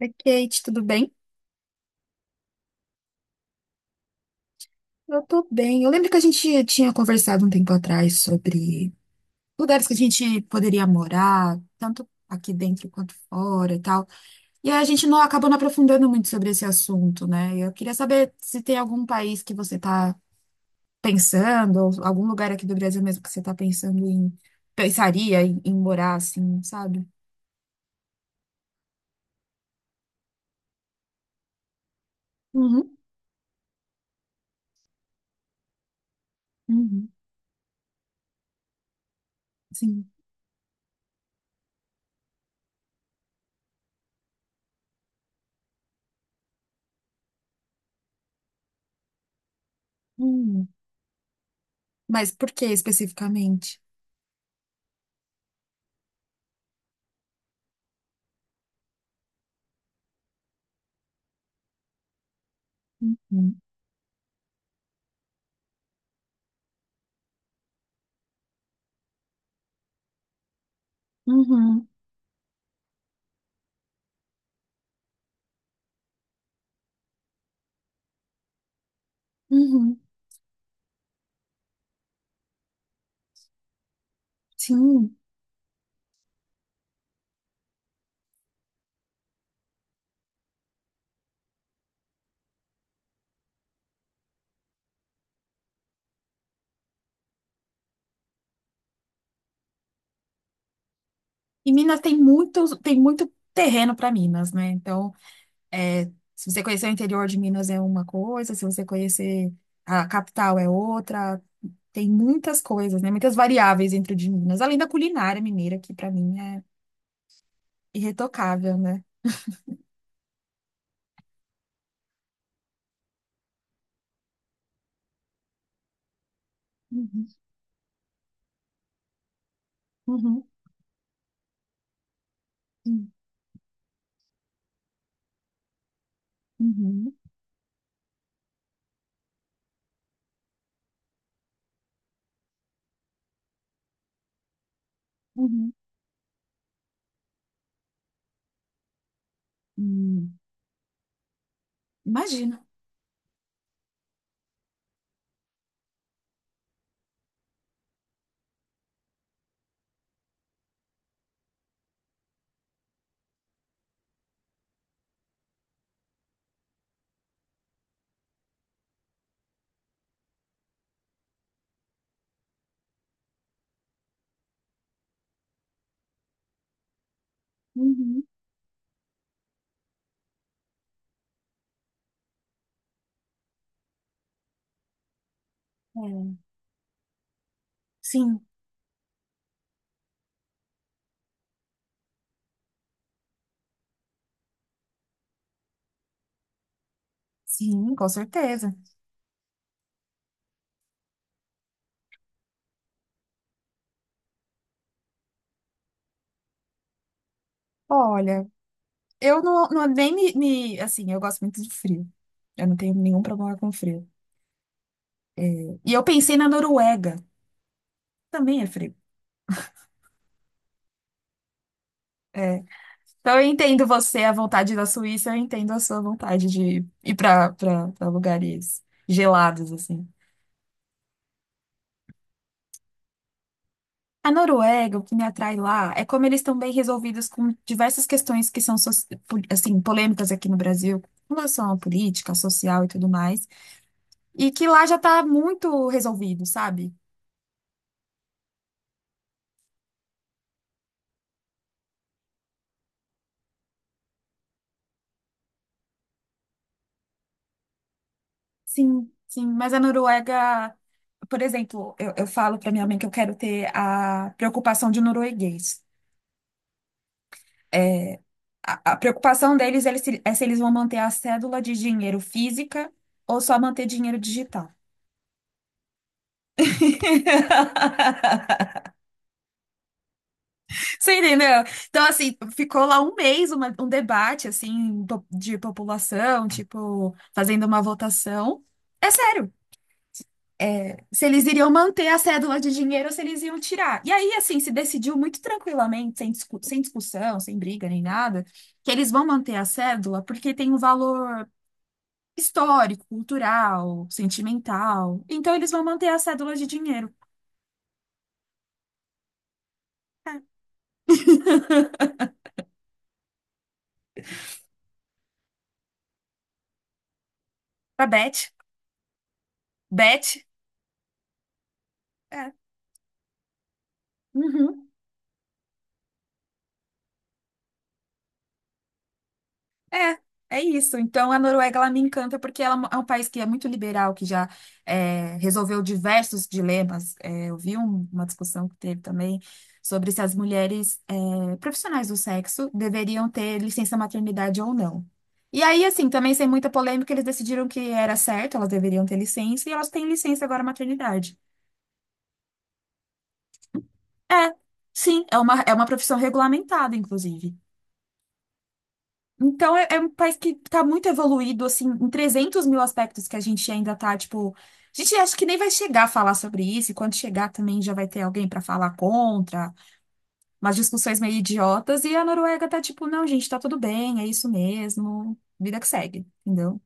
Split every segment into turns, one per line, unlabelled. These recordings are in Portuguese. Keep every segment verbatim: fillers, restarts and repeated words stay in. Oi, Kate, tudo bem? Eu tô bem. Eu lembro que a gente tinha conversado um tempo atrás sobre lugares que a gente poderia morar, tanto aqui dentro quanto fora e tal. E aí a gente não acabou não aprofundando muito sobre esse assunto, né? Eu queria saber se tem algum país que você tá pensando, ou algum lugar aqui do Brasil mesmo que você tá pensando em, pensaria em, em morar, assim, sabe? Uhum, uhum, sim. Uhum. Mas por que especificamente? Uhum, uhum, uhum. Sim. E Minas tem muito, tem muito terreno para Minas, né? Então, é, se você conhecer o interior de Minas é uma coisa, se você conhecer a capital é outra. Tem muitas coisas, né? Muitas variáveis dentro de Minas, além da culinária mineira, que para mim é irretocável, né? Uhum, uhum, uhum, uhum, uhum, uhum. Imagina. Uhum, é. Sim, sim, com certeza. Olha, eu não, não nem me, me- assim, eu gosto muito de frio. Eu não tenho nenhum problema com frio. E eu pensei na Noruega. Também é frio. É. Então eu entendo você, a vontade da Suíça, eu entendo a sua vontade de ir para lugares gelados, assim. A Noruega, o que me atrai lá é como eles estão bem resolvidos com diversas questões que são, soci- po- assim, polêmicas aqui no Brasil, com relação à política, social e tudo mais, e que lá já está muito resolvido, sabe? Sim, sim, mas a Noruega, por exemplo, eu, eu falo para minha mãe que eu quero ter a preocupação de um norueguês. É, a, a preocupação deles é se, é se eles vão manter a cédula de dinheiro física ou só manter dinheiro digital. Você entendeu? Então, assim, ficou lá um mês uma- um debate, assim, po- de população, tipo, fazendo uma votação. É sério, se eles iriam manter a cédula de dinheiro ou se eles iam tirar. E aí, assim, se decidiu muito tranquilamente, sem discu- sem discussão, sem briga nem nada, que eles vão manter a cédula porque tem um valor. histórico, cultural, sentimental. Então eles vão manter a cédula de dinheiro. É. Pra Beth. Beth. É. Uhum. É. É isso. Então a Noruega ela me encanta porque ela é um país que é muito liberal, que já é, resolveu diversos dilemas. É, eu vi um- uma discussão que teve também sobre se as mulheres é, profissionais do sexo deveriam ter licença maternidade ou não. E aí, assim, também sem muita polêmica, eles decidiram que era certo, elas deveriam ter licença, e elas têm licença agora maternidade. É, sim, é uma, é uma profissão regulamentada, inclusive. Então, é, é um país que está muito evoluído, assim, em trezentos mil aspectos que a gente ainda está, tipo... A gente acha que nem vai chegar a falar sobre isso, e quando chegar também já vai ter alguém para falar contra, umas discussões meio idiotas, e a Noruega tá tipo, não, gente, tá tudo bem, é isso mesmo, vida que segue, entendeu?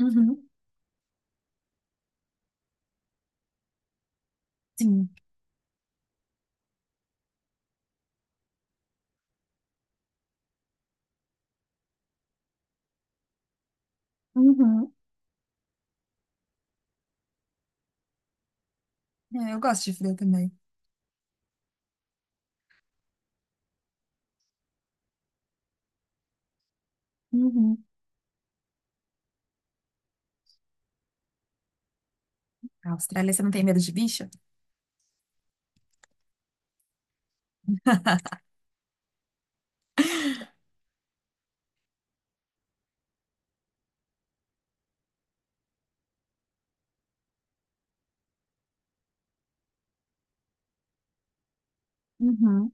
Uhum, sim. Uhum. É, eu gosto de frio também. Uhum. A Austrália, você não tem medo de bicho? Uhum,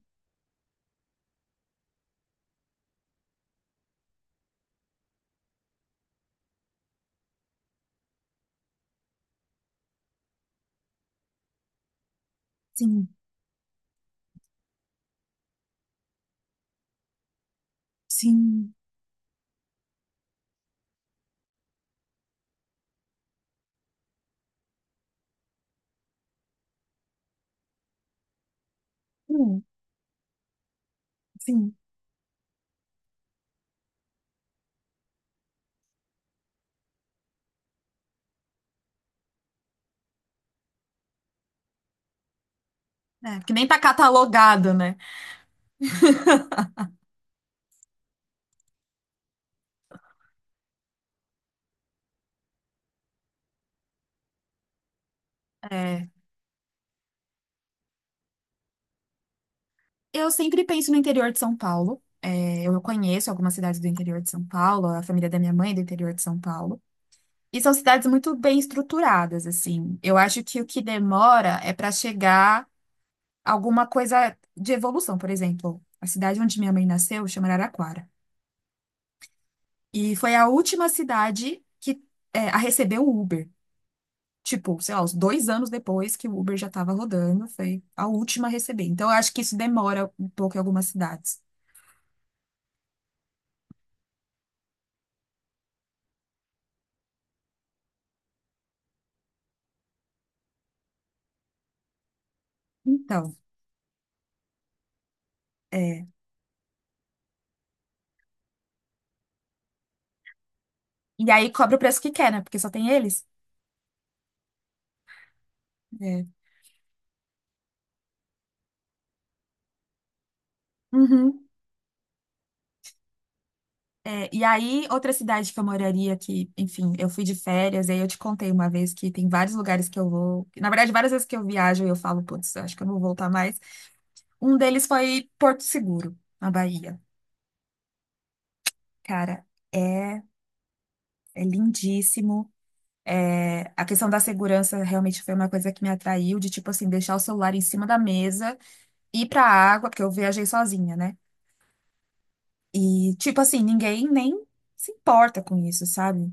sim, sim. Hum, sim. É, que nem tá catalogado, né? É, eu sempre penso no interior de São Paulo. É, eu conheço algumas cidades do interior de São Paulo, a família da minha mãe é do interior de São Paulo. E são cidades muito bem estruturadas, assim. Eu acho que o que demora é para chegar alguma coisa de evolução. Por exemplo, a cidade onde minha mãe nasceu chama Araraquara. E foi a última cidade que é, a receber o Uber. Tipo, sei lá, uns dois anos depois que o Uber já estava rodando, foi a última a receber. Então, eu acho que isso demora um pouco em algumas cidades. Então, é. E aí cobra o preço que quer, né? Porque só tem eles. É. Uhum. É, e aí, outra cidade que eu moraria, que, enfim, eu fui de férias, e aí eu te contei uma vez que tem vários lugares que eu vou. Na verdade, várias vezes que eu viajo e eu falo, putz, eu acho que eu não vou voltar mais. Um deles foi Porto Seguro, na Bahia. Cara, é, é lindíssimo. É, a questão da segurança realmente foi uma coisa que me atraiu, de tipo assim, deixar o celular em cima da mesa, ir pra água, porque eu viajei sozinha, né? E tipo assim, ninguém nem se importa com isso, sabe?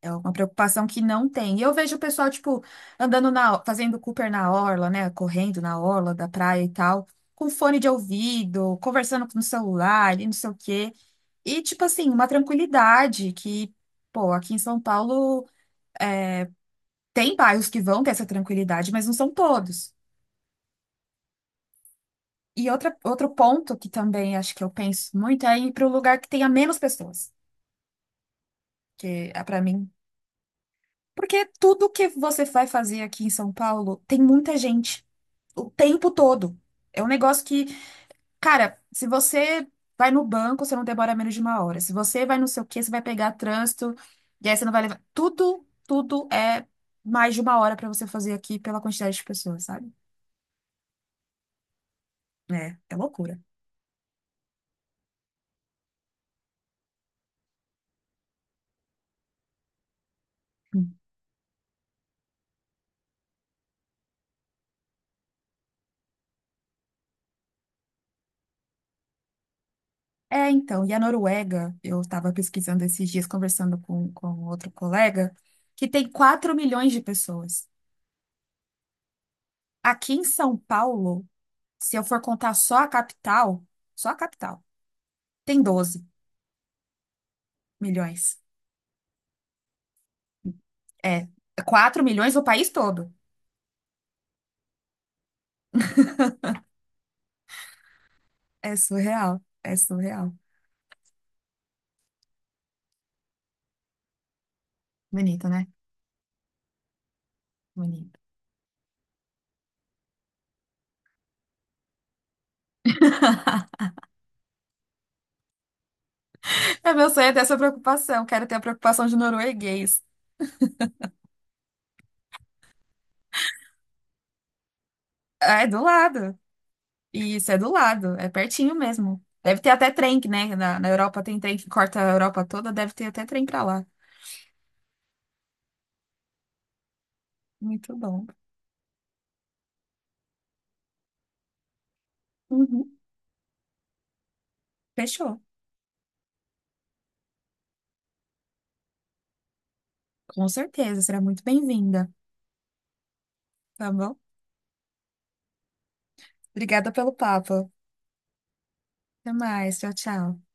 É uma preocupação que não tem. E eu vejo o pessoal, tipo, andando na, fazendo Cooper na orla, né? Correndo na orla da praia e tal, com fone de ouvido, conversando com o celular e não sei o quê. E, tipo assim, uma tranquilidade que, pô, aqui em São Paulo. Tem bairros que vão ter essa tranquilidade, mas não são todos. E outra, outro ponto que também acho que eu penso muito é ir para um lugar que tenha menos pessoas, que é para mim. Porque tudo que você vai fazer aqui em São Paulo tem muita gente o tempo todo. É um negócio que, cara, se você vai no banco, você não demora menos de uma hora. Se você vai não sei o quê, você vai pegar trânsito, e aí você não vai levar. Tudo, tudo é mais de uma hora para você fazer aqui pela quantidade de pessoas, sabe? É, é loucura. É, então, e a Noruega, eu estava pesquisando esses dias, conversando com, com outro colega, que tem quatro milhões de pessoas. Aqui em São Paulo, se eu for contar só a capital, só a capital, tem doze milhões. É, quatro milhões o país todo. É surreal, é surreal. Bonito, né? Bonito. É meu sonho é ter essa preocupação, quero ter a preocupação de norueguês. É, do lado. E Isso é do lado, é pertinho mesmo. Deve ter até trem, né? Na, na Europa tem trem que corta a Europa toda, deve ter até trem pra lá. Muito bom. Uhum. Fechou. Com certeza, será muito bem-vinda. Tá bom? Obrigada pelo papo. Até mais. Tchau, tchau.